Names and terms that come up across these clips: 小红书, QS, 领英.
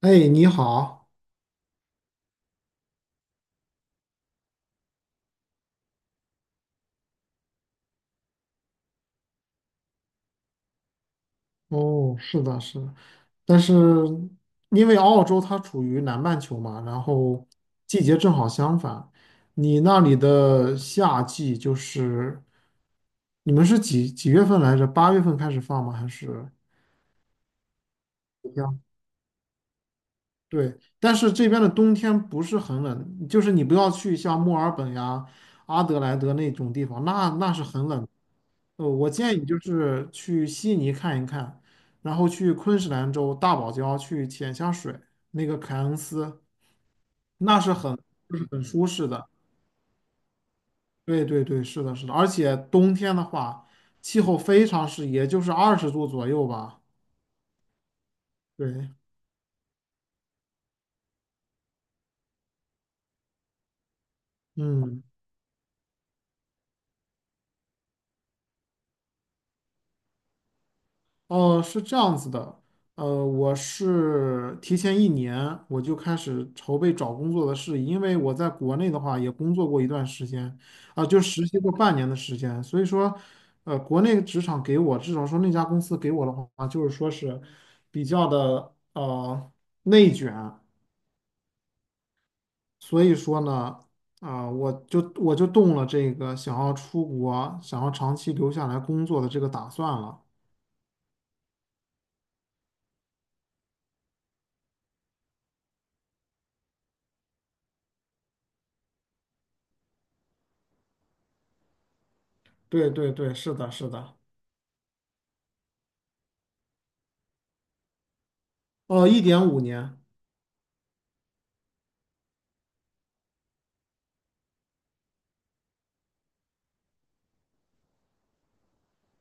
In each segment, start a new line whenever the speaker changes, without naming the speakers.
哎，你好。哦，是的，是的。但是因为澳洲它处于南半球嘛，然后季节正好相反。你那里的夏季就是你们是几几月份来着？8月份开始放吗？还是？对，但是这边的冬天不是很冷，就是你不要去像墨尔本呀、阿德莱德那种地方，那是很冷。我建议就是去悉尼看一看，然后去昆士兰州大堡礁去潜下水，那个凯恩斯，那是很就是很舒适的。对对对，是的，是的。而且冬天的话，气候非常适宜，也就是20度左右吧。对，嗯。哦，是这样子的，我是提前一年我就开始筹备找工作的事宜，因为我在国内的话也工作过一段时间，啊、就实习过半年的时间。所以说，国内职场给我，至少说那家公司给我的话，就是说是比较的内卷。所以说呢，啊、我就动了这个想要出国、想要长期留下来工作的这个打算了。对对对，是的，是的。哦，1.5年。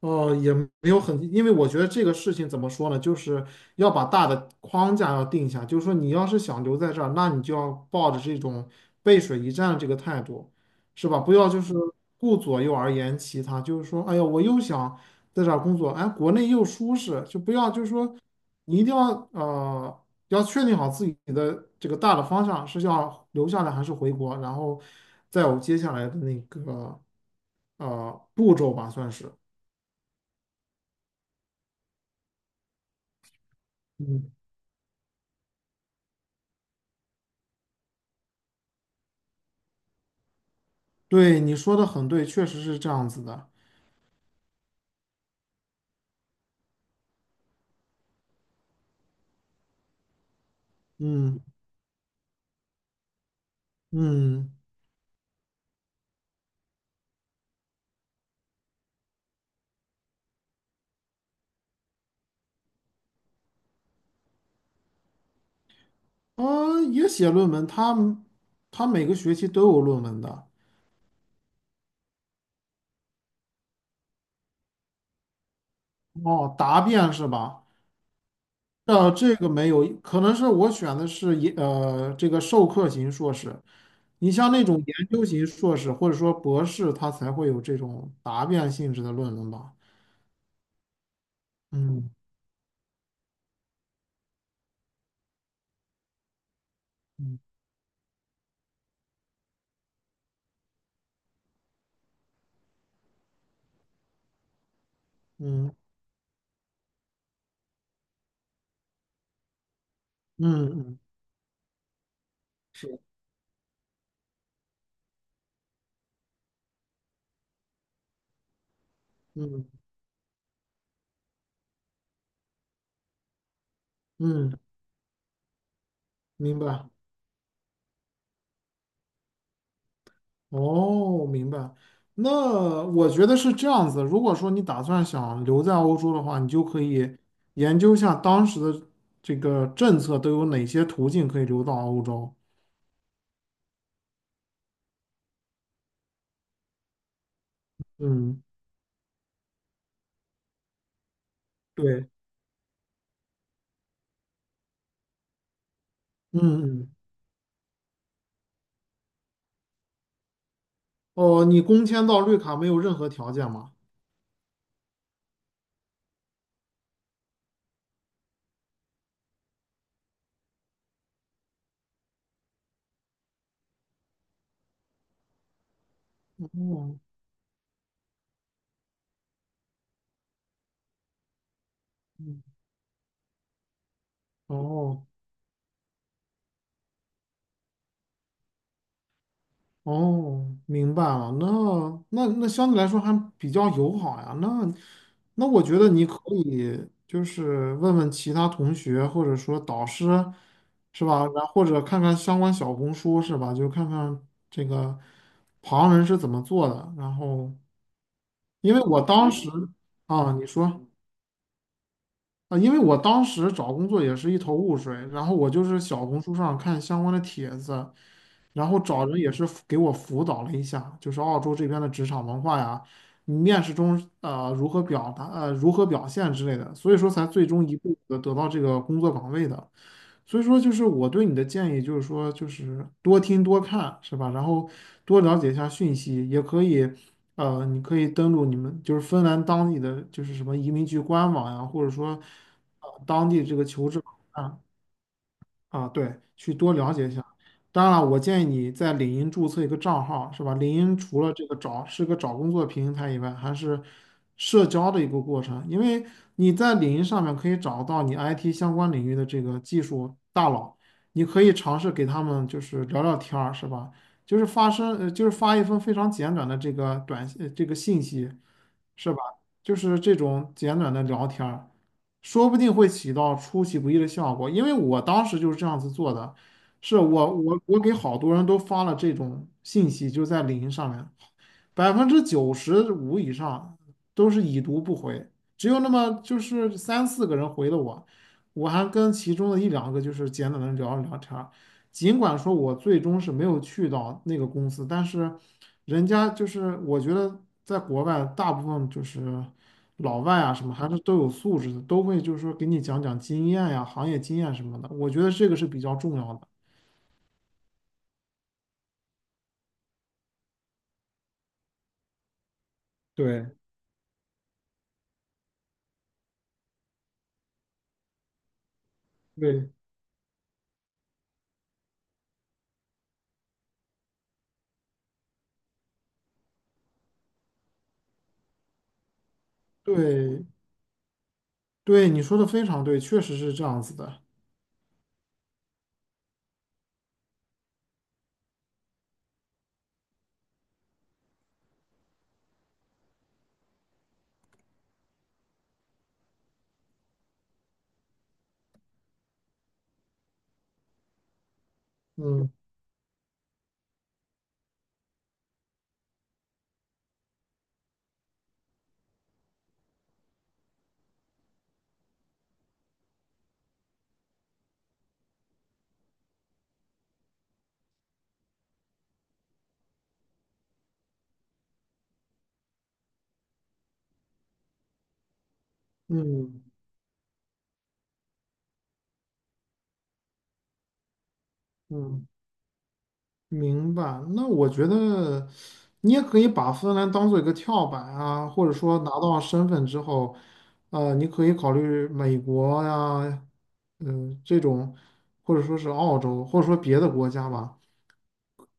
哦，也没有很，因为我觉得这个事情怎么说呢，就是要把大的框架要定下，就是说你要是想留在这儿，那你就要抱着这种背水一战的这个态度，是吧？不要就是顾左右而言其他，就是说，哎呀，我又想在这儿工作，哎，国内又舒适，就不要就是说，你一定要要确定好自己的这个大的方向是要留下来还是回国，然后再有接下来的那个步骤吧，算是。嗯。对，你说的很对，确实是这样子的。嗯嗯，也写论文，他每个学期都有论文的。哦，答辩是吧？这个没有，可能是我选的是这个授课型硕士。你像那种研究型硕士或者说博士，他才会有这种答辩性质的论文吧？嗯嗯嗯嗯嗯，是，嗯嗯，明白。哦，明白。那我觉得是这样子。如果说你打算想留在欧洲的话，你就可以研究一下当时的这个政策都有哪些途径可以留到欧洲。嗯，对，嗯嗯，哦，你工签到绿卡没有任何条件吗？嗯，哦。哦，明白了。那那相对来说还比较友好呀。那我觉得你可以就是问问其他同学或者说导师，是吧？然后或者看看相关小红书，是吧？就看看这个旁人是怎么做的。然后，因为我当时啊，你说。啊，因为我当时找工作也是一头雾水，然后我就是小红书上看相关的帖子，然后找人也是给我辅导了一下，就是澳洲这边的职场文化呀，面试中如何表达如何表现之类的，所以说才最终一步的得到这个工作岗位的。所以说，就是我对你的建议，就是说，就是多听多看，是吧？然后多了解一下讯息，也可以。你可以登录你们就是芬兰当地的就是什么移民局官网呀，或者说，当地这个求职网站，啊，对，去多了解一下。当然了，我建议你在领英注册一个账号，是吧？领英除了这个找是个找工作平台以外，还是社交的一个过程，因为你在领英上面可以找到你 IT 相关领域的这个技术大佬，你可以尝试给他们就是聊聊天儿，是吧？就是发一封非常简短的这个这个信息，是吧？就是这种简短的聊天儿。说不定会起到出其不意的效果。因为我当时就是这样子做的，是我给好多人都发了这种信息，就在领英上面，95%以上都是已读不回，只有那么就是三四个人回了我，我还跟其中的一两个就是简短的聊了聊天儿。尽管说我最终是没有去到那个公司，但是人家就是我觉得在国外大部分就是老外啊什么还是都有素质的，都会就是说给你讲讲经验呀、行业经验什么的，我觉得这个是比较重要的。对对对对，你说的非常对，确实是这样子的。嗯嗯嗯，明白。那我觉得你也可以把芬兰当做一个跳板啊，或者说拿到身份之后，你可以考虑美国呀，嗯、这种，或者说是澳洲，或者说别的国家吧。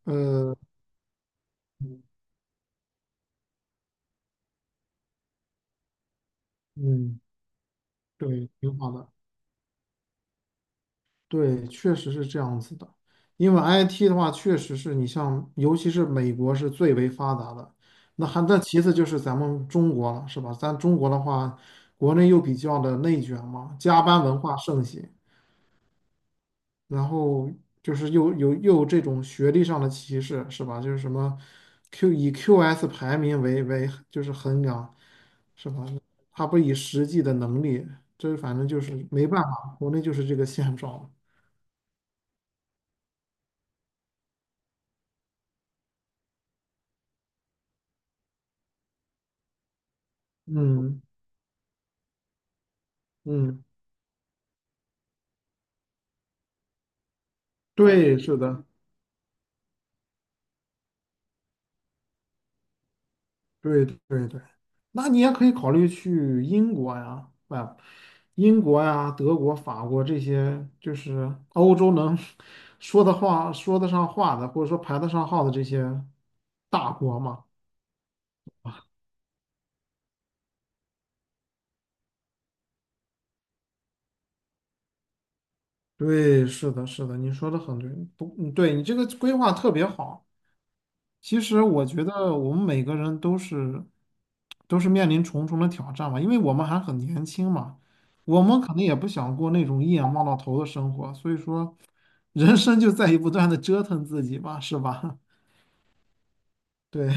呃，嗯，嗯对，挺好的。对，确实是这样子的。因为 IT 的话，确实是你像，尤其是美国是最为发达的。那其次就是咱们中国了，是吧？咱中国的话，国内又比较的内卷嘛，加班文化盛行，然后就是又有这种学历上的歧视，是吧？就是什么 以 QS 排名为就是衡量，是吧？他不以实际的能力，这反正就是没办法，国内就是这个现状。嗯嗯。对，是的，对对对，那你也可以考虑去英国呀，啊，英国呀、德国、法国这些，就是欧洲能 说的话、说得上话的，或者说排得上号的这些大国嘛。对，是的，是的，你说的很对，不，嗯对，你这个规划特别好。其实我觉得我们每个人都是面临重重的挑战嘛，因为我们还很年轻嘛，我们可能也不想过那种一眼望到头的生活，所以说人生就在于不断的折腾自己吧，是吧？对，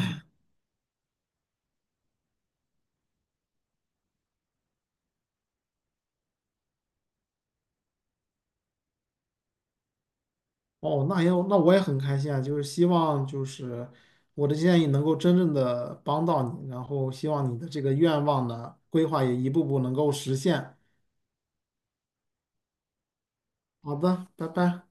哦，那我也很开心啊，就是希望就是我的建议能够真正的帮到你，然后希望你的这个愿望呢，规划也一步步能够实现。好的，拜拜。